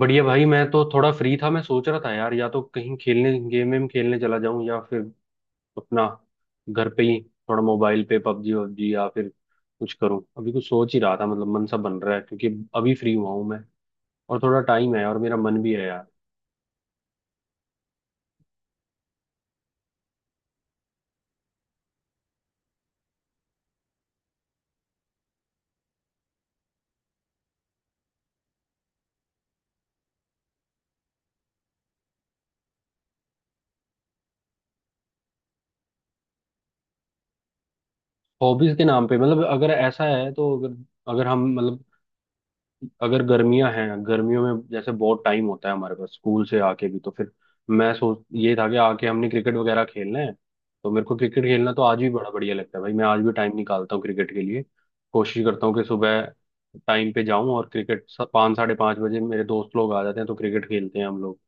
बढ़िया भाई। मैं तो थोड़ा फ्री था। मैं सोच रहा था यार या तो कहीं खेलने गेम वेम खेलने चला जाऊं या फिर अपना घर पे ही थोड़ा मोबाइल पे पबजी वबजी या फिर कुछ करूं। अभी कुछ सोच ही रहा था, मतलब मन सा बन रहा है क्योंकि अभी फ्री हुआ हूं मैं, और थोड़ा टाइम है और मेरा मन भी है यार। हॉबीज के नाम पे मतलब अगर ऐसा है तो अगर अगर हम, मतलब अगर गर्मियां हैं, गर्मियों में जैसे बहुत टाइम होता है हमारे पास स्कूल से आके भी, तो फिर मैं सोच ये था कि आके हमने क्रिकेट वगैरह खेलना है। तो मेरे को क्रिकेट खेलना तो आज भी बड़ा बढ़िया लगता है भाई। मैं आज भी टाइम निकालता हूँ क्रिकेट के लिए, कोशिश करता हूँ कि सुबह टाइम पे जाऊं और क्रिकेट पाँच साढ़े पाँच बजे मेरे दोस्त लोग आ जाते हैं तो क्रिकेट खेलते हैं हम लोग।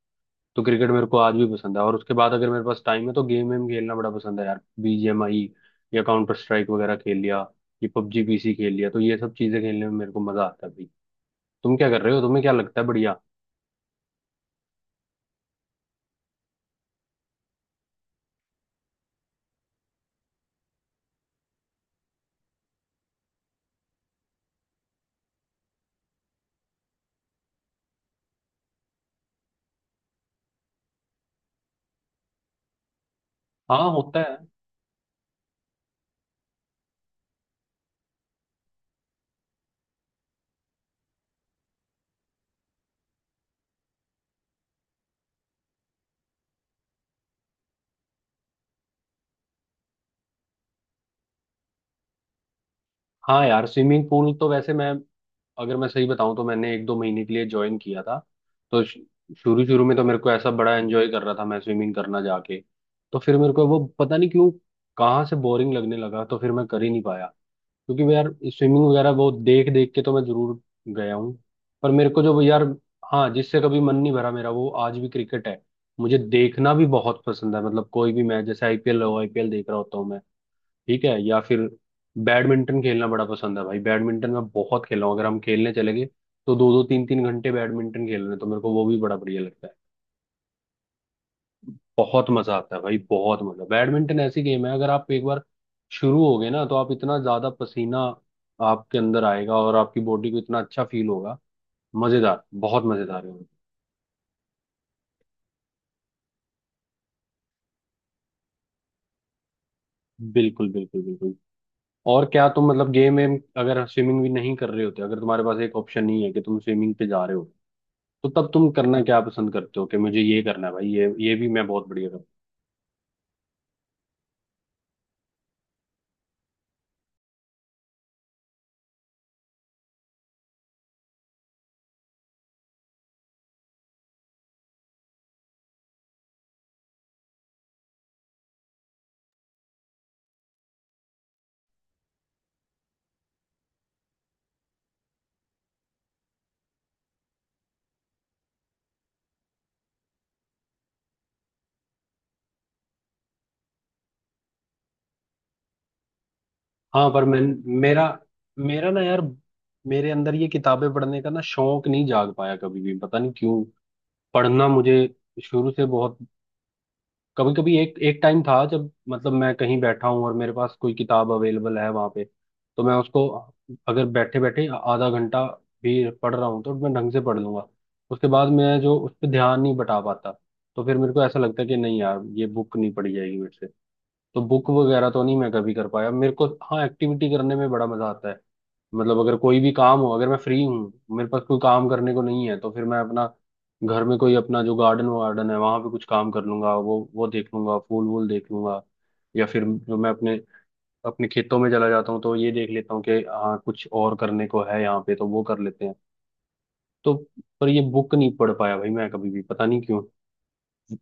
तो क्रिकेट मेरे को आज भी पसंद है, और उसके बाद अगर मेरे पास टाइम है तो गेम वेम खेलना बड़ा पसंद है यार। बीजीएमआई या काउंटर स्ट्राइक वगैरह खेल लिया, ये पबजी पीसी खेल लिया, तो ये सब चीजें खेलने में मेरे को मजा आता है। तुम क्या कर रहे हो? तुम्हें क्या लगता है? बढ़िया। हाँ होता है। हाँ यार, स्विमिंग पूल तो वैसे मैं, अगर मैं सही बताऊं तो मैंने एक दो महीने के लिए ज्वाइन किया था। तो शुरू शुरू में तो मेरे को ऐसा बड़ा एंजॉय कर रहा था, मैं स्विमिंग करना जाके। तो फिर मेरे को वो पता नहीं क्यों कहाँ से बोरिंग लगने लगा, तो फिर मैं कर ही नहीं पाया। क्योंकि मैं यार स्विमिंग वगैरह वो देख देख के तो मैं जरूर गया हूँ, पर मेरे को जो यार, हाँ, जिससे कभी मन नहीं भरा मेरा वो आज भी क्रिकेट है। मुझे देखना भी बहुत पसंद है, मतलब कोई भी मैच, जैसे आईपीएल हो, आईपीएल देख रहा होता हूँ मैं। ठीक है, या फिर बैडमिंटन खेलना बड़ा पसंद है भाई। बैडमिंटन मैं बहुत खेला हूँ, अगर हम खेलने चले गए तो दो दो तीन तीन घंटे बैडमिंटन खेल रहे हैं, तो मेरे को वो भी बड़ा बढ़िया लगता है। बहुत मजा आता है भाई, बहुत मजा। बैडमिंटन ऐसी गेम है, अगर आप एक बार शुरू हो गए ना तो आप इतना ज्यादा पसीना आपके अंदर आएगा और आपकी बॉडी को इतना अच्छा फील होगा। मजेदार, बहुत मजेदार है। बिल्कुल बिल्कुल बिल्कुल। और क्या तुम, मतलब गेम वेम, अगर स्विमिंग भी नहीं कर रहे होते, अगर तुम्हारे पास एक ऑप्शन नहीं है कि तुम स्विमिंग पे जा रहे हो, तो तब तुम करना क्या पसंद करते हो, कि मुझे ये करना है भाई, ये भी मैं बहुत बढ़िया करूँ। हाँ पर मैं, मेरा मेरा ना यार, मेरे अंदर ये किताबें पढ़ने का ना शौक नहीं जाग पाया कभी भी, पता नहीं क्यों। पढ़ना मुझे शुरू से बहुत, कभी कभी एक एक टाइम था जब, मतलब मैं कहीं बैठा हूँ और मेरे पास कोई किताब अवेलेबल है वहां पे, तो मैं उसको, अगर बैठे बैठे आधा घंटा भी पढ़ रहा हूँ तो मैं ढंग से पढ़ लूंगा। उसके बाद मैं जो उस पर ध्यान नहीं बटा पाता, तो फिर मेरे को ऐसा लगता है कि नहीं यार ये बुक नहीं पढ़ी जाएगी मेरे से। तो बुक वगैरह तो नहीं मैं कभी कर पाया। मेरे को हाँ एक्टिविटी करने में बड़ा मजा आता है, मतलब अगर कोई भी काम हो, अगर मैं फ्री हूँ, मेरे पास कोई काम करने को नहीं है तो फिर मैं अपना घर में कोई अपना जो गार्डन वार्डन है वहां पे कुछ काम कर लूंगा, वो देख लूंगा, फूल वूल देख लूंगा। या फिर जो मैं अपने अपने खेतों में चला जाता हूँ तो ये देख लेता हूँ कि हाँ कुछ और करने को है यहाँ पे, तो वो कर लेते हैं। तो पर ये बुक नहीं पढ़ पाया भाई मैं कभी भी, पता नहीं क्यों।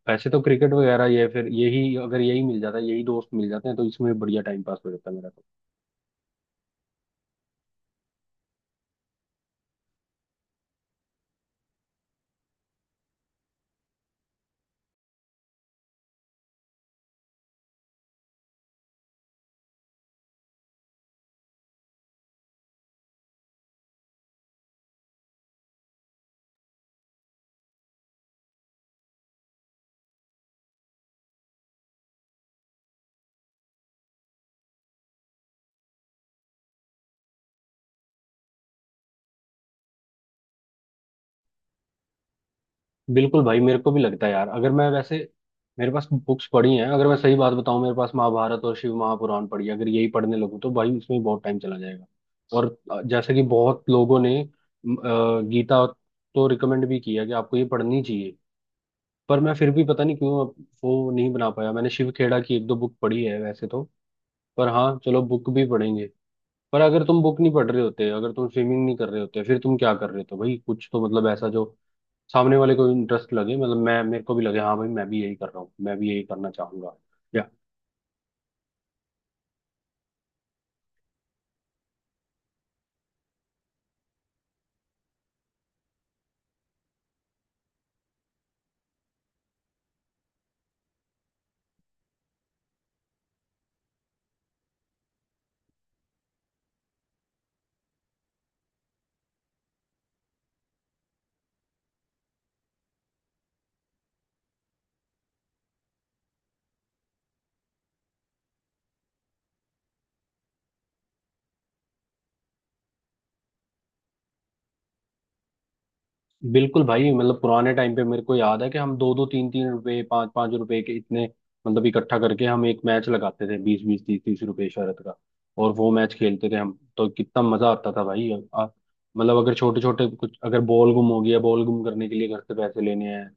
वैसे तो क्रिकेट वगैरह, ये फिर यही, अगर यही मिल जाता है, यही दोस्त मिल जाते हैं तो इसमें बढ़िया टाइम पास हो जाता है मेरा तो। बिल्कुल भाई, मेरे को भी लगता है यार, अगर मैं वैसे मेरे पास बुक्स पढ़ी हैं, अगर मैं सही बात बताऊं, मेरे पास महाभारत और शिव महापुराण पढ़ी है। अगर यही पढ़ने लगूं तो भाई उसमें बहुत टाइम चला जाएगा। और जैसे कि बहुत लोगों ने गीता तो रिकमेंड भी किया कि आपको ये पढ़नी चाहिए, पर मैं फिर भी पता नहीं क्यों वो नहीं बना पाया। मैंने शिव खेड़ा की एक दो बुक पढ़ी है वैसे तो। पर हाँ, चलो बुक भी पढ़ेंगे। पर अगर तुम बुक नहीं पढ़ रहे होते, अगर तुम स्विमिंग नहीं कर रहे होते, फिर तुम क्या कर रहे होते भाई? कुछ तो, मतलब ऐसा जो सामने वाले को इंटरेस्ट लगे, मतलब मैं, मेरे को भी लगे हाँ भाई मैं भी यही कर रहा हूँ, मैं भी यही करना चाहूंगा, या। बिल्कुल भाई। मतलब पुराने टाइम पे मेरे को याद है कि हम दो दो तीन तीन रुपए, पाँच पाँच रुपए के इतने मतलब इकट्ठा करके हम एक मैच लगाते थे, बीस बीस तीस तीस रुपए शरत का। और वो मैच खेलते थे हम, तो कितना मजा आता था भाई। मतलब अगर छोटे छोटे कुछ, अगर बॉल गुम हो गया, बॉल गुम करने के लिए घर से पैसे लेने हैं,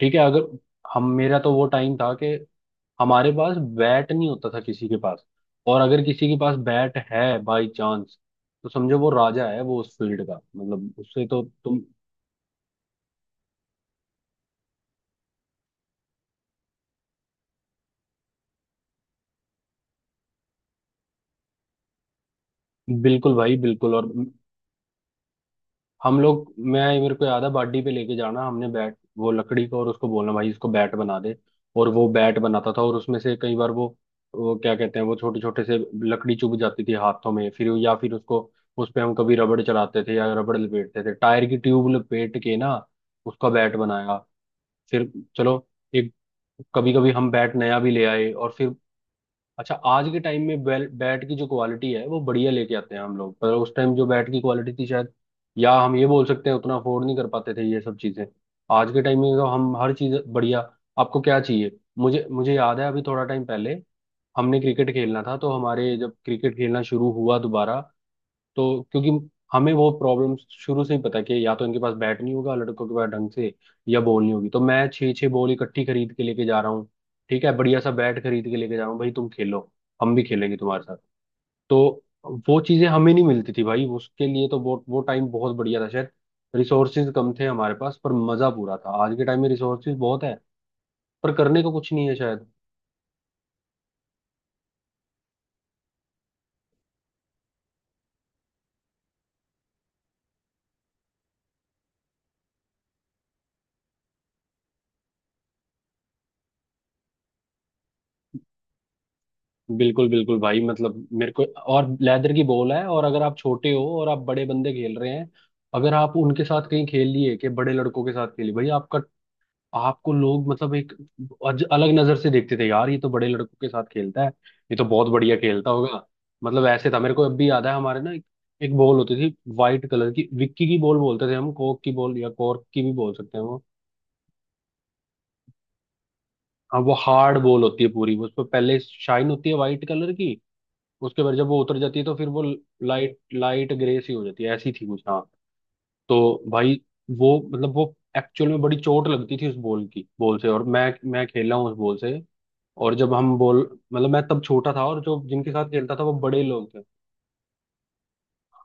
ठीक है। अगर हम, मेरा तो वो टाइम था कि हमारे पास बैट नहीं होता था किसी के पास, और अगर किसी के पास बैट है बाई चांस, तो समझो वो राजा है वो उस फील्ड का। मतलब उससे तो तुम। बिल्कुल भाई बिल्कुल। और हम लोग, मैं, मेरे को याद है बाडी पे लेके जाना हमने बैट, वो लकड़ी का, और उसको बोलना भाई इसको बैट बना दे, और वो बैट बनाता था, और उसमें से कई बार वो क्या कहते हैं वो छोटे छोटे से लकड़ी चुभ जाती थी हाथों में फिर, या फिर उसको, उस पे हम कभी रबड़ चलाते थे या रबड़ लपेटते थे, टायर की ट्यूब लपेट के ना उसका बैट बनाया। फिर चलो, एक, कभी कभी हम बैट नया भी ले आए। और फिर अच्छा, आज के टाइम में बैल बैट की जो क्वालिटी है वो बढ़िया लेके आते हैं हम लोग, पर उस टाइम जो बैट की क्वालिटी थी शायद, या हम ये बोल सकते हैं उतना अफोर्ड नहीं कर पाते थे ये सब चीजें। आज के टाइम में तो हम हर चीज बढ़िया, आपको क्या चाहिए। मुझे मुझे याद है अभी थोड़ा टाइम पहले हमने क्रिकेट खेलना था, तो हमारे जब क्रिकेट खेलना शुरू हुआ दोबारा, तो क्योंकि हमें वो प्रॉब्लम शुरू से ही पता है कि या तो इनके पास बैट नहीं होगा लड़कों के पास ढंग से, या बॉल नहीं होगी, तो मैं छः छः बॉल इकट्ठी खरीद के लेके जा रहा हूँ। ठीक है, बढ़िया सा बैट खरीद के लेके जा रहा हूँ भाई, तुम खेलो, हम भी खेलेंगे तुम्हारे साथ। तो वो चीजें हमें नहीं मिलती थी भाई उसके लिए, तो वो टाइम बहुत बढ़िया था शायद। रिसोर्सेज कम थे हमारे पास, पर मजा पूरा था। आज के टाइम में रिसोर्सेज बहुत है पर करने को कुछ नहीं है शायद। बिल्कुल बिल्कुल भाई, मतलब मेरे को, और लेदर की बॉल है, और अगर आप छोटे हो और आप बड़े बंदे खेल रहे हैं, अगर आप उनके साथ कहीं खेल लिए, कि बड़े लड़कों के साथ खेली भाई आपका, आपको लोग मतलब एक अलग नजर से देखते थे यार, ये तो बड़े लड़कों के साथ खेलता है, ये तो बहुत बढ़िया खेलता होगा। मतलब ऐसे था, मेरे को अब भी याद है हमारे ना एक बॉल होती थी वाइट कलर की, विक्की की बॉल बोलते थे हम, कोक की बॉल या कॉर्क की भी बोल सकते हैं वो। हाँ वो हार्ड बॉल होती है पूरी, उस पर पहले शाइन होती है वाइट कलर की। उसके बाद जब वो उतर जाती है तो फिर वो लाइट लाइट ग्रे सी हो जाती है, ऐसी थी कुछ हाँ। तो भाई वो मतलब वो एक्चुअल में बड़ी चोट लगती थी उस बॉल की, बॉल से, और मैं खेला हूँ उस बॉल से। और जब हम बॉल, मतलब मैं तब छोटा था और जो जिनके साथ खेलता था वो बड़े लोग थे।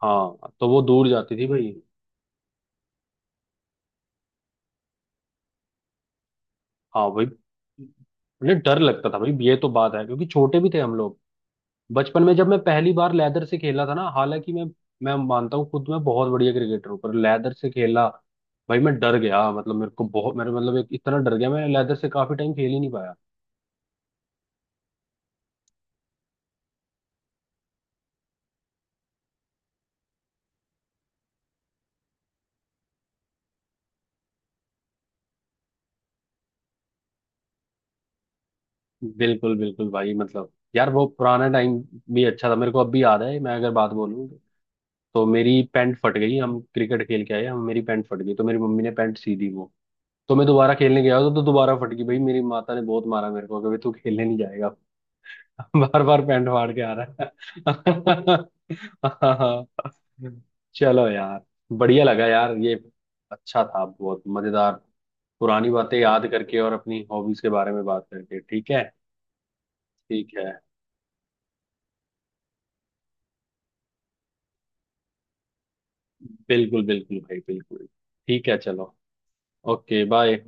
हाँ तो वो दूर जाती थी भाई। हाँ भाई, मतलब डर लगता था भाई, ये तो बात है क्योंकि छोटे भी थे हम लोग। बचपन में जब मैं पहली बार लेदर से खेला था ना, हालांकि मैं मानता हूँ खुद मैं बहुत बढ़िया क्रिकेटर हूँ, पर लेदर से खेला भाई मैं डर गया, मतलब मेरे को बहुत, मेरे मतलब एक इतना डर गया मैं लेदर से काफी टाइम खेल ही नहीं पाया। बिल्कुल बिल्कुल भाई, मतलब यार वो पुराना टाइम भी अच्छा था। मेरे को अब भी याद है, मैं अगर बात बोलूँ तो मेरी पैंट फट गई। हम क्रिकेट खेल के आए, हम मेरी पैंट फट गई तो मेरी मम्मी ने पैंट सी दी वो। तो मैं दोबारा खेलने गया तो दोबारा फट गई। भाई मेरी माता ने बहुत मारा मेरे को, कभी तू खेलने नहीं जाएगा, बार बार पैंट फाड़ के आ रहा है। हाँ, हाँ। चलो यार, बढ़िया लगा यार ये, अच्छा था, बहुत मजेदार। पुरानी बातें याद करके और अपनी हॉबीज के बारे में बात करके, ठीक है। ठीक है। बिल्कुल बिल्कुल भाई बिल्कुल। ठीक है, चलो। Okay bye.